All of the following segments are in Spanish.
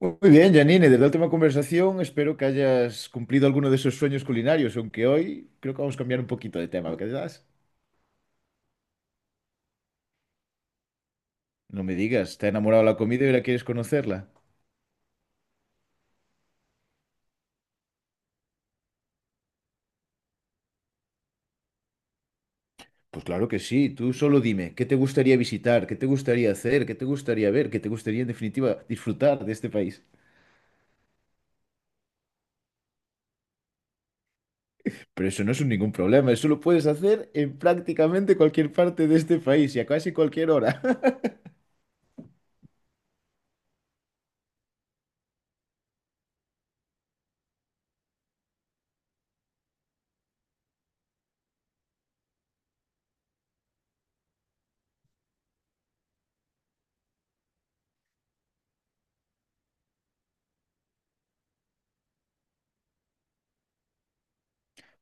Muy bien, Janine, de la última conversación espero que hayas cumplido alguno de esos sueños culinarios, aunque hoy creo que vamos a cambiar un poquito de tema, ¿verdad? No me digas, ¿te ha enamorado la comida y ahora quieres conocerla? Pues claro que sí, tú solo dime, ¿qué te gustaría visitar? ¿Qué te gustaría hacer? ¿Qué te gustaría ver? ¿Qué te gustaría en definitiva disfrutar de este país? Pero eso no es un ningún problema, eso lo puedes hacer en prácticamente cualquier parte de este país y a casi cualquier hora.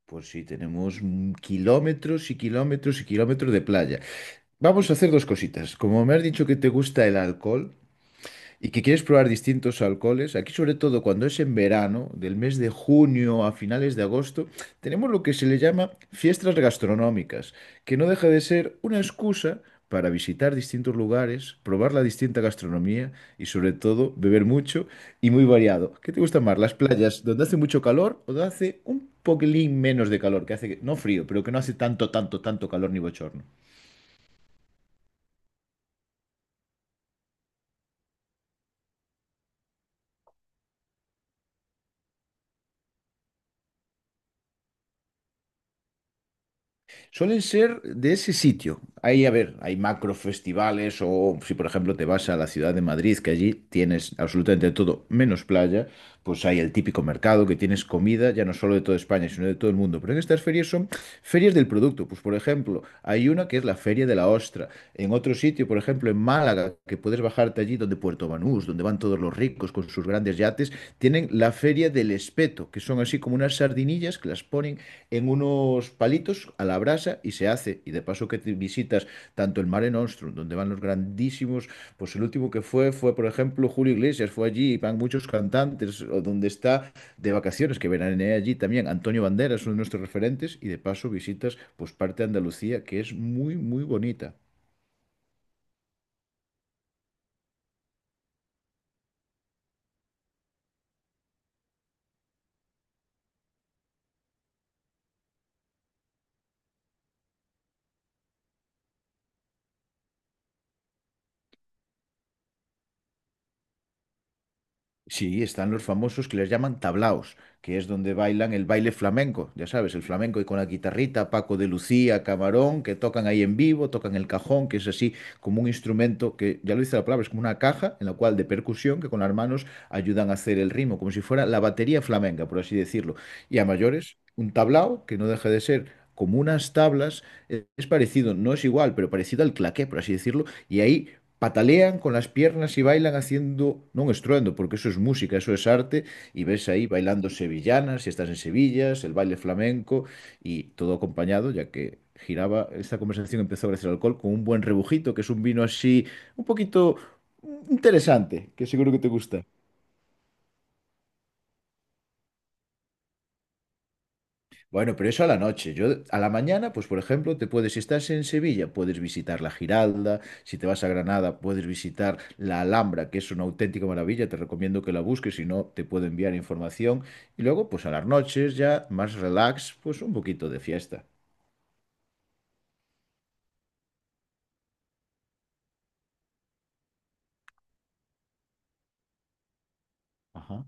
Pues sí, tenemos kilómetros y kilómetros y kilómetros de playa. Vamos a hacer dos cositas. Como me has dicho que te gusta el alcohol, y que quieres probar distintos alcoholes, aquí sobre todo cuando es en verano, del mes de junio a finales de agosto, tenemos lo que se le llama fiestas gastronómicas, que no deja de ser una excusa para visitar distintos lugares, probar la distinta gastronomía y sobre todo beber mucho y muy variado. ¿Qué te gusta más, las playas donde hace mucho calor o donde hace un poquilín menos de calor, que hace que, no frío, pero que no hace tanto, tanto, tanto calor ni bochorno? Suelen ser de ese sitio. Ahí, a ver, hay macro festivales o si por ejemplo te vas a la ciudad de Madrid, que allí tienes absolutamente todo, menos playa, pues hay el típico mercado que tienes comida, ya no solo de toda España, sino de todo el mundo. Pero en estas ferias son ferias del producto. Pues por ejemplo, hay una que es la Feria de la Ostra. En otro sitio, por ejemplo, en Málaga, que puedes bajarte allí donde Puerto Banús, donde van todos los ricos con sus grandes yates, tienen la Feria del Espeto, que son así como unas sardinillas que las ponen en unos palitos a la brasa y se hace. Y de paso que te visitas tanto el Mare Nostrum, donde van los grandísimos, pues el último que fue, por ejemplo, Julio Iglesias, fue allí, y van muchos cantantes, o donde está de vacaciones, que veranea allí también Antonio Banderas, uno de nuestros referentes, y de paso visitas pues parte de Andalucía, que es muy, muy bonita. Sí, están los famosos que les llaman tablaos, que es donde bailan el baile flamenco, ya sabes, el flamenco y con la guitarrita, Paco de Lucía, Camarón, que tocan ahí en vivo, tocan el cajón, que es así como un instrumento que, ya lo dice la palabra, es como una caja en la cual de percusión que con las manos ayudan a hacer el ritmo, como si fuera la batería flamenca, por así decirlo. Y a mayores, un tablao que no deja de ser como unas tablas, es parecido, no es igual, pero parecido al claqué, por así decirlo, y ahí patalean con las piernas y bailan haciendo, no estruendo, porque eso es música, eso es arte, y ves ahí bailando sevillanas, si estás en Sevilla, el baile flamenco, y todo acompañado, ya que giraba, esta conversación empezó gracias al alcohol, con un buen rebujito, que es un vino así, un poquito interesante, que seguro que te gusta. Bueno, pero eso a la noche. Yo a la mañana, pues por ejemplo, te puedes, si estás en Sevilla, puedes visitar la Giralda, si te vas a Granada, puedes visitar la Alhambra, que es una auténtica maravilla, te recomiendo que la busques, si no, te puedo enviar información. Y luego, pues a las noches ya, más relax, pues un poquito de fiesta. Ajá.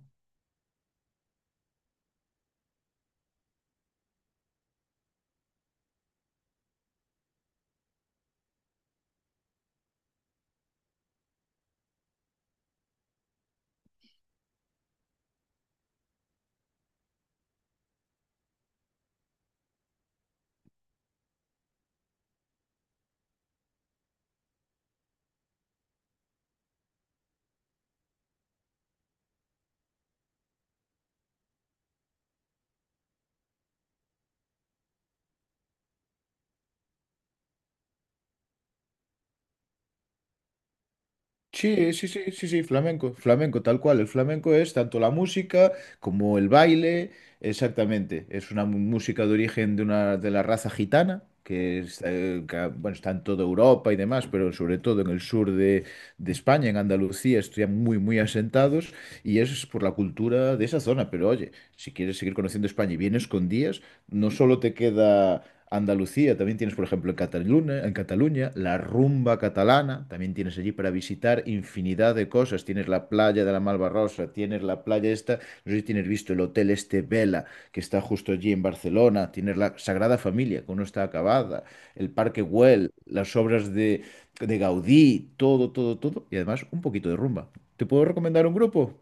Sí, sí, sí, sí, sí, flamenco, flamenco, tal cual. El flamenco es tanto la música como el baile, exactamente. Es una música de origen de una de la raza gitana, que es, que, bueno, está en toda Europa y demás, pero sobre todo en el sur de España, en Andalucía, están muy, muy asentados y eso es por la cultura de esa zona. Pero oye, si quieres seguir conociendo España y vienes con días, no solo te queda Andalucía, también tienes, por ejemplo, en Cataluña, la rumba catalana, también tienes allí para visitar infinidad de cosas. Tienes la playa de la Malvarrosa, tienes la playa esta, no sé si tienes visto el hotel este Vela, que está justo allí en Barcelona, tienes la Sagrada Familia, que aún no está acabada, el Parque Güell, las obras de Gaudí, todo, todo, todo, y además un poquito de rumba. ¿Te puedo recomendar un grupo?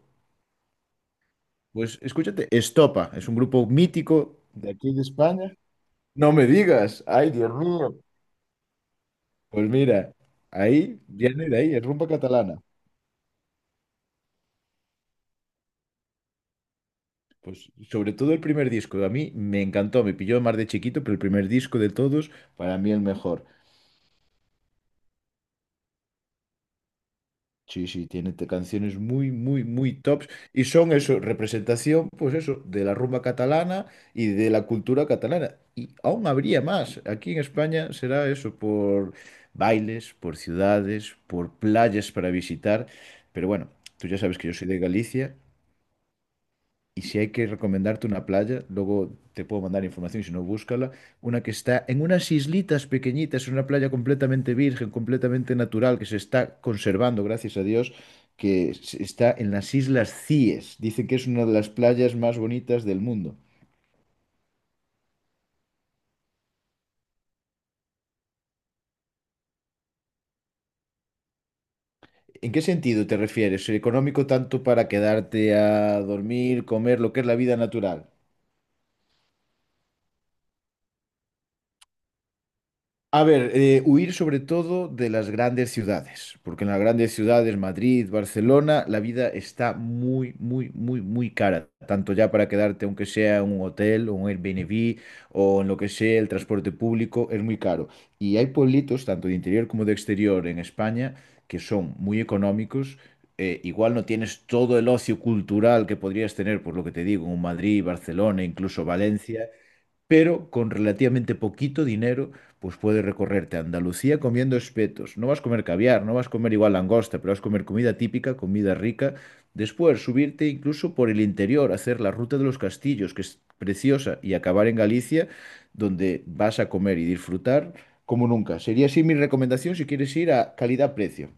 Pues escúchate, Estopa, es un grupo mítico de aquí de España. No me digas, ay Dios mío. Pues mira, ahí viene de ahí, es rumba catalana. Pues sobre todo el primer disco, a mí me encantó, me pilló más de chiquito, pero el primer disco de todos, para mí el mejor. Sí, sí, tiene canciones muy, muy, muy tops y son eso, representación, pues eso, de la rumba catalana y de la cultura catalana. Y aún habría más. Aquí en España será eso, por bailes, por ciudades, por playas para visitar. Pero bueno, tú ya sabes que yo soy de Galicia. Y si hay que recomendarte una playa, luego te puedo mandar información, si no, búscala. Una que está en unas islitas pequeñitas, una playa completamente virgen, completamente natural, que se está conservando, gracias a Dios, que está en las Islas Cíes. Dicen que es una de las playas más bonitas del mundo. ¿En qué sentido te refieres? ¿Económico tanto para quedarte a dormir, comer, lo que es la vida natural? A ver, huir sobre todo de las grandes ciudades, porque en las grandes ciudades, Madrid, Barcelona, la vida está muy, muy, muy, muy cara. Tanto ya para quedarte, aunque sea en un hotel, o un Airbnb, o en lo que sea, el transporte público, es muy caro. Y hay pueblitos, tanto de interior como de exterior en España, que son muy económicos. Igual no tienes todo el ocio cultural que podrías tener, por lo que te digo, en un Madrid, Barcelona, incluso Valencia, pero con relativamente poquito dinero, pues puedes recorrerte a Andalucía comiendo espetos. No vas a comer caviar, no vas a comer igual langosta, pero vas a comer comida típica, comida rica. Después, subirte incluso por el interior, hacer la ruta de los castillos, que es preciosa, y acabar en Galicia, donde vas a comer y disfrutar como nunca. Sería así mi recomendación si quieres ir a calidad-precio.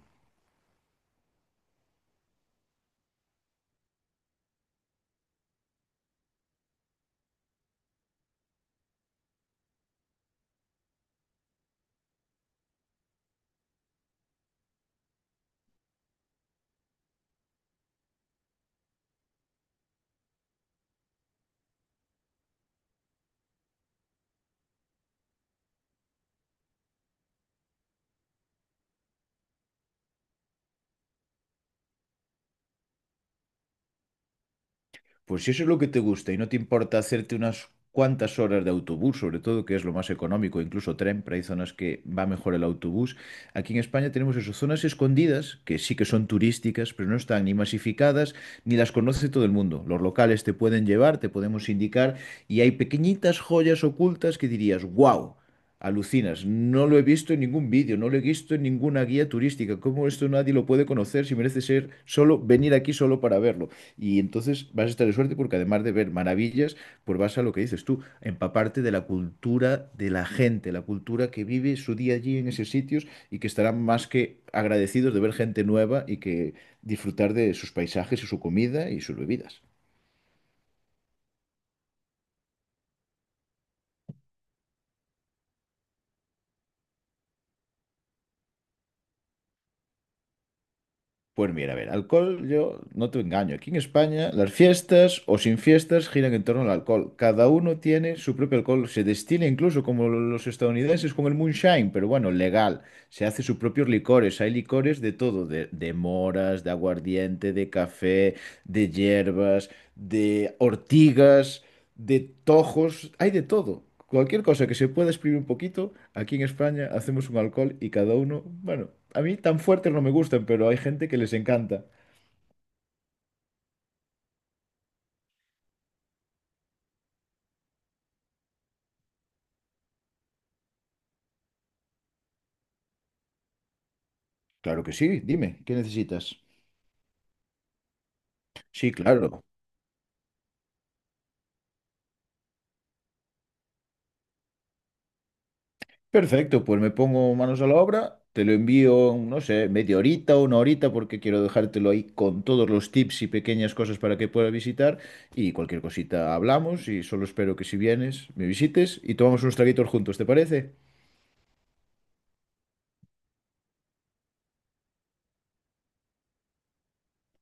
Pues si eso es lo que te gusta y no te importa hacerte unas cuantas horas de autobús, sobre todo, que es lo más económico, incluso tren, pero hay zonas que va mejor el autobús. Aquí en España tenemos eso, zonas escondidas, que sí que son turísticas, pero no están ni masificadas, ni las conoce todo el mundo. Los locales te pueden llevar, te podemos indicar, y hay pequeñitas joyas ocultas que dirías, wow. Alucinas, no lo he visto en ningún vídeo, no lo he visto en ninguna guía turística. ¿Cómo esto nadie lo puede conocer si merece ser solo venir aquí solo para verlo? Y entonces vas a estar de suerte porque además de ver maravillas, pues vas a lo que dices tú, empaparte de la cultura de la gente, la cultura que vive su día allí en esos sitios y que estarán más que agradecidos de ver gente nueva y que disfrutar de sus paisajes y su comida y sus bebidas. Pues mira, a ver, alcohol, yo no te engaño. Aquí en España, las fiestas o sin fiestas giran en torno al alcohol. Cada uno tiene su propio alcohol. Se destila incluso como los estadounidenses con el moonshine, pero bueno, legal. Se hace sus propios licores. Hay licores de todo, de moras, de aguardiente, de café, de hierbas, de ortigas de tojos, hay de todo. Cualquier cosa que se pueda exprimir un poquito, aquí en España hacemos un alcohol y cada uno, bueno, a mí tan fuertes no me gustan, pero hay gente que les encanta. Claro que sí, dime, ¿qué necesitas? Sí, claro. Perfecto, pues me pongo manos a la obra, te lo envío, no sé, media horita o una horita, porque quiero dejártelo ahí con todos los tips y pequeñas cosas para que puedas visitar. Y cualquier cosita hablamos y solo espero que si vienes, me visites y tomamos unos traguitos juntos, ¿te parece?